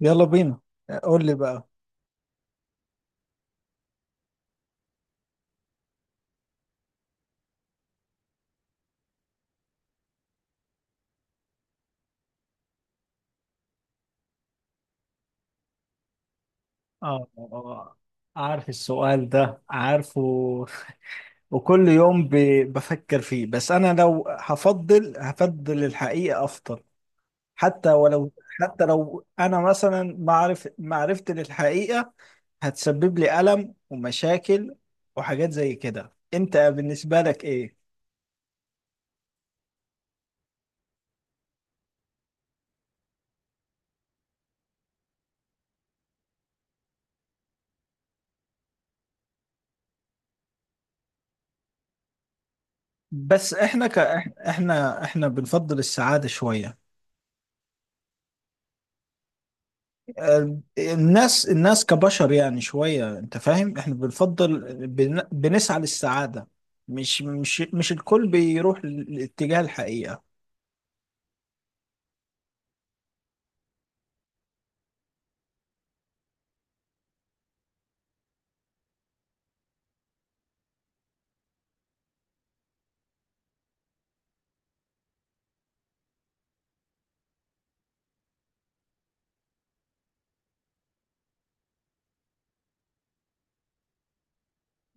يلا بينا. قول لي بقى. اه آه، آه. عارف السؤال ده، عارفه. وكل يوم بفكر فيه، بس انا لو هفضل هفضل الحقيقة افضل، حتى ولو، حتى لو انا مثلا معرف معرفتي للحقيقة هتسبب لي ألم ومشاكل وحاجات زي كده. انت بالنسبة لك ايه؟ بس احنا احنا بنفضل السعادة شوية. الناس كبشر، يعني شوية، انت فاهم، احنا بنفضل بنسعى للسعادة. مش الكل بيروح لاتجاه الحقيقة.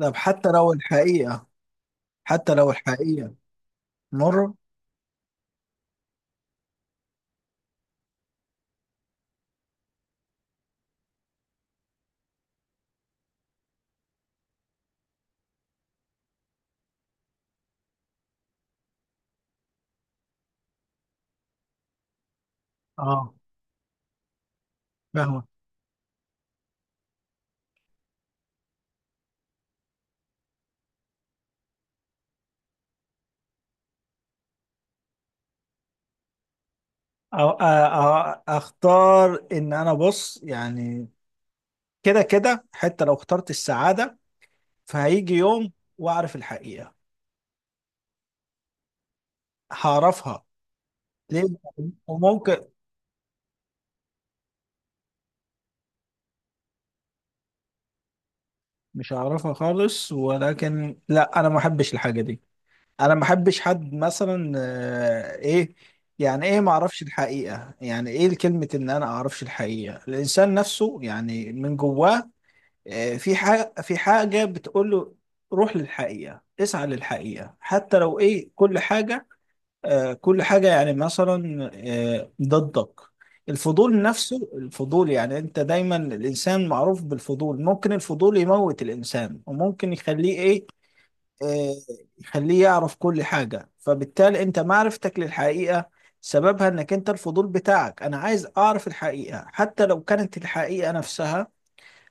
طب حتى لو الحقيقة، حتى لو الحقيقة مر. اه فاهمة. اختار ان انا، بص يعني، كده كده حتى لو اخترت السعادة، فهيجي يوم واعرف الحقيقة. هعرفها، ليه؟ وممكن مش هعرفها خالص، ولكن لا، انا ما احبش الحاجة دي. انا ما بحبش حد مثلا ايه، يعني ايه ما اعرفش الحقيقه؟ يعني ايه كلمه ان انا اعرفش الحقيقه؟ الانسان نفسه يعني من جواه في حاجه في حاجه بتقول له روح للحقيقه، اسعى للحقيقه حتى لو ايه، كل حاجه. كل حاجه يعني مثلا ضدك. الفضول، نفسه الفضول يعني، انت دايما الانسان معروف بالفضول، ممكن الفضول يموت الانسان، وممكن يخليه ايه؟ آه، يخليه يعرف كل حاجة. فبالتالي انت معرفتك للحقيقة سببها انك انت الفضول بتاعك. انا عايز اعرف الحقيقة حتى لو كانت الحقيقة نفسها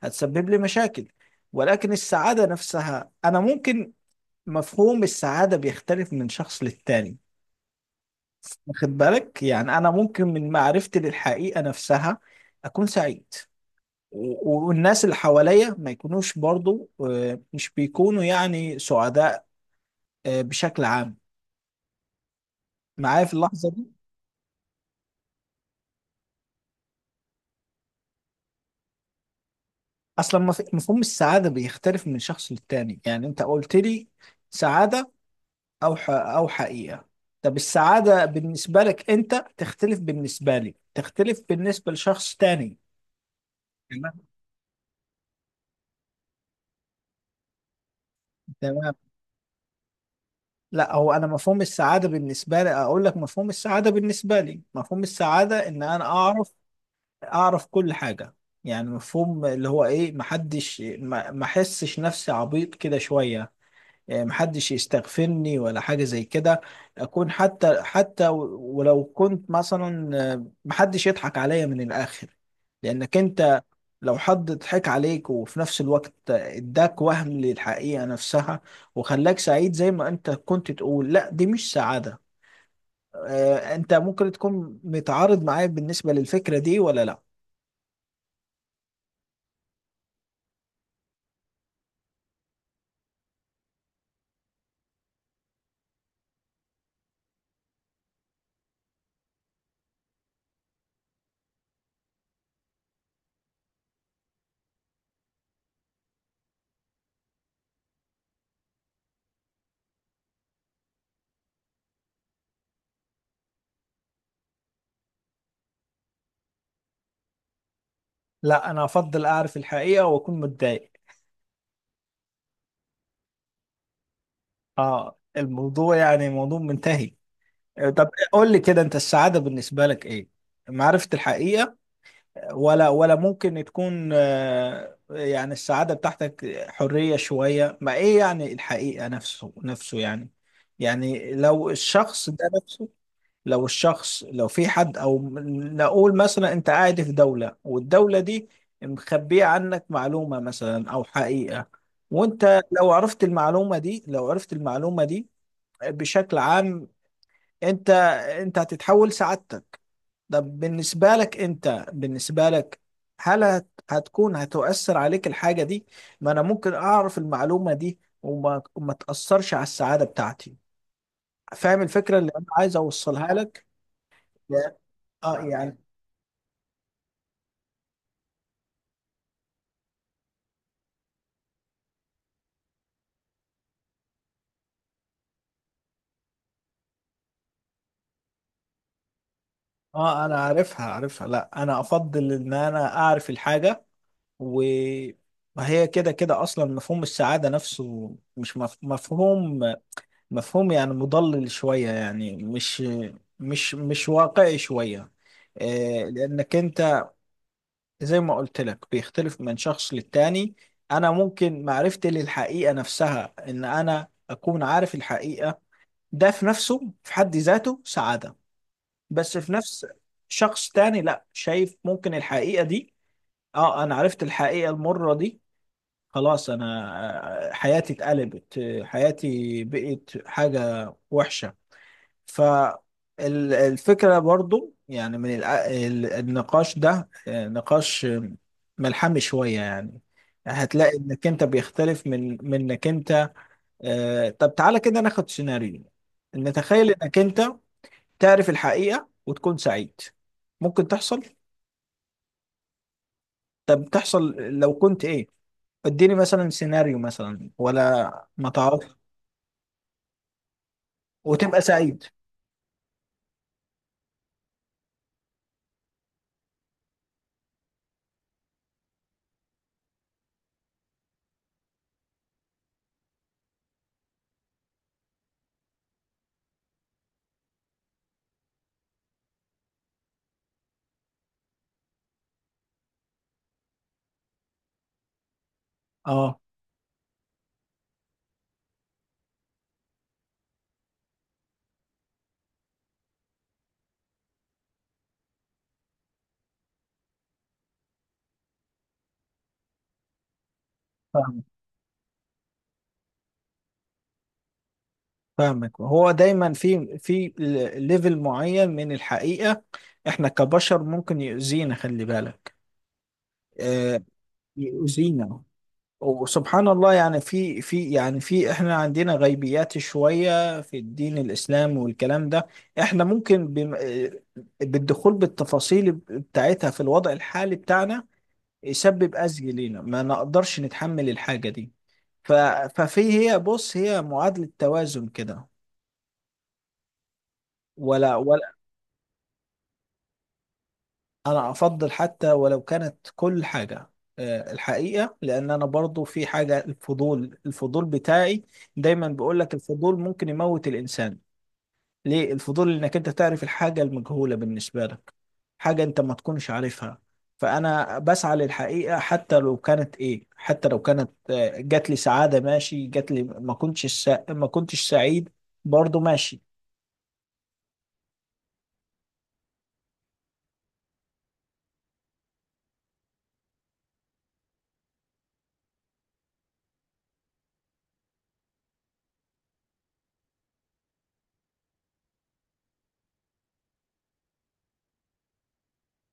هتسبب لي مشاكل. ولكن السعادة نفسها انا ممكن، مفهوم السعادة بيختلف من شخص للتاني، واخد بالك؟ يعني انا ممكن من معرفتي للحقيقة نفسها اكون سعيد، والناس اللي حواليا ما يكونوش برضو، مش بيكونوا يعني سعداء، بشكل عام، معايا في اللحظة دي. اصلا مفهوم السعاده بيختلف من شخص للتاني. يعني انت قلت لي سعاده او او حقيقه. طب السعاده بالنسبه لك انت تختلف، بالنسبه لي تختلف، بالنسبه لشخص تاني. تمام، تمام. لا، هو انا مفهوم السعاده بالنسبه لي، اقول لك، مفهوم السعاده بالنسبه لي، مفهوم السعاده ان انا اعرف، اعرف كل حاجه. يعني مفهوم اللي هو ايه، محدش ما احسش نفسي عبيط كده شويه. محدش يستغفرني ولا حاجة زي كده. أكون حتى حتى ولو كنت مثلا، محدش يضحك عليا من الآخر. لأنك أنت، لو حد ضحك عليك وفي نفس الوقت اداك وهم للحقيقة نفسها وخلاك سعيد زي ما أنت كنت تقول، لا، دي مش سعادة. أنت ممكن تكون متعارض معايا بالنسبة للفكرة دي، ولا لا؟ لا، أنا أفضل أعرف الحقيقة وأكون متضايق. آه، الموضوع يعني موضوع منتهي. طب قول لي كده، انت السعادة بالنسبة لك ايه؟ معرفة الحقيقة، ولا ولا ممكن تكون، يعني السعادة بتاعتك حرية شوية، ما ايه يعني الحقيقة؟ نفسه يعني، يعني لو الشخص ده نفسه، لو الشخص لو في حد او نقول مثلا انت قاعد في دولة والدولة دي مخبية عنك معلومة مثلا او حقيقة، وانت لو عرفت المعلومة دي، لو عرفت المعلومة دي بشكل عام، انت، انت هتتحول سعادتك. طب بالنسبة لك، انت بالنسبة لك، هل هتكون هتؤثر عليك الحاجة دي؟ ما انا ممكن اعرف المعلومة دي وما وما تأثرش على السعادة بتاعتي. فاهم الفكرة اللي انا عايز اوصلها لك؟ يا- اه يعني اه، انا عارفها، عارفها. لا، انا افضل ان انا اعرف الحاجة. و، وهي كده كده اصلا مفهوم السعادة نفسه مش مفهوم، مفهوم يعني مضلل شوية، يعني مش واقعي شوية. لأنك أنت زي ما قلت لك بيختلف من شخص للتاني. أنا ممكن معرفتي للحقيقة نفسها، إن أنا أكون عارف الحقيقة، ده في نفسه، في حد ذاته، سعادة. بس في نفس، شخص تاني لا، شايف ممكن الحقيقة دي، أه أنا عرفت الحقيقة المرة دي، خلاص أنا، حياتي اتقلبت، حياتي بقت حاجة وحشة. فالفكرة برضو يعني، من النقاش ده، نقاش ملحمي شوية يعني. هتلاقي انك انت بيختلف من انك انت. طب تعالى كده ناخد سيناريو، نتخيل انك انت تعرف الحقيقة وتكون سعيد. ممكن تحصل. طب تحصل لو كنت ايه؟ اديني مثلا سيناريو مثلا ولا، ما تعرف وتبقى سعيد. اه فاهمك. هو دايما في ليفل معين من الحقيقة احنا كبشر ممكن يؤذينا، خلي بالك. آه، يؤذينا. وسبحان الله، يعني في يعني في، احنا عندنا غيبيات شوية في الدين الإسلام والكلام ده، احنا ممكن بالدخول بالتفاصيل بتاعتها في الوضع الحالي بتاعنا يسبب أذى لينا، ما نقدرش نتحمل الحاجة دي. ف- ففي، هي بص، هي معادلة توازن كده ولا؟ انا افضل حتى ولو كانت كل حاجه الحقيقه. لان انا برضو في حاجه، الفضول، الفضول بتاعي دايما بيقول لك الفضول ممكن يموت الانسان. ليه الفضول؟ انك انت تعرف الحاجه المجهوله بالنسبه لك، حاجه انت ما تكونش عارفها. فانا بسعى للحقيقه حتى لو كانت ايه، حتى لو كانت، جات لي سعاده ماشي، جات لي ما كنتش ما كنتش سعيد برضو ماشي.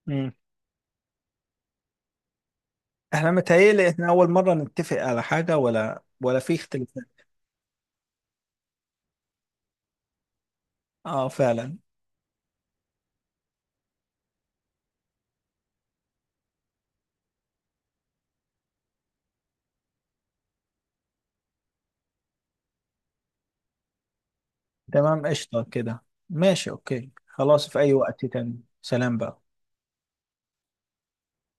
مم. احنا متهيألي احنا اول مره نتفق على حاجه، ولا ولا في اختلاف؟ اه فعلا. تمام، قشطة كده. ماشي، اوكي، خلاص، في اي وقت تاني، سلام بقى.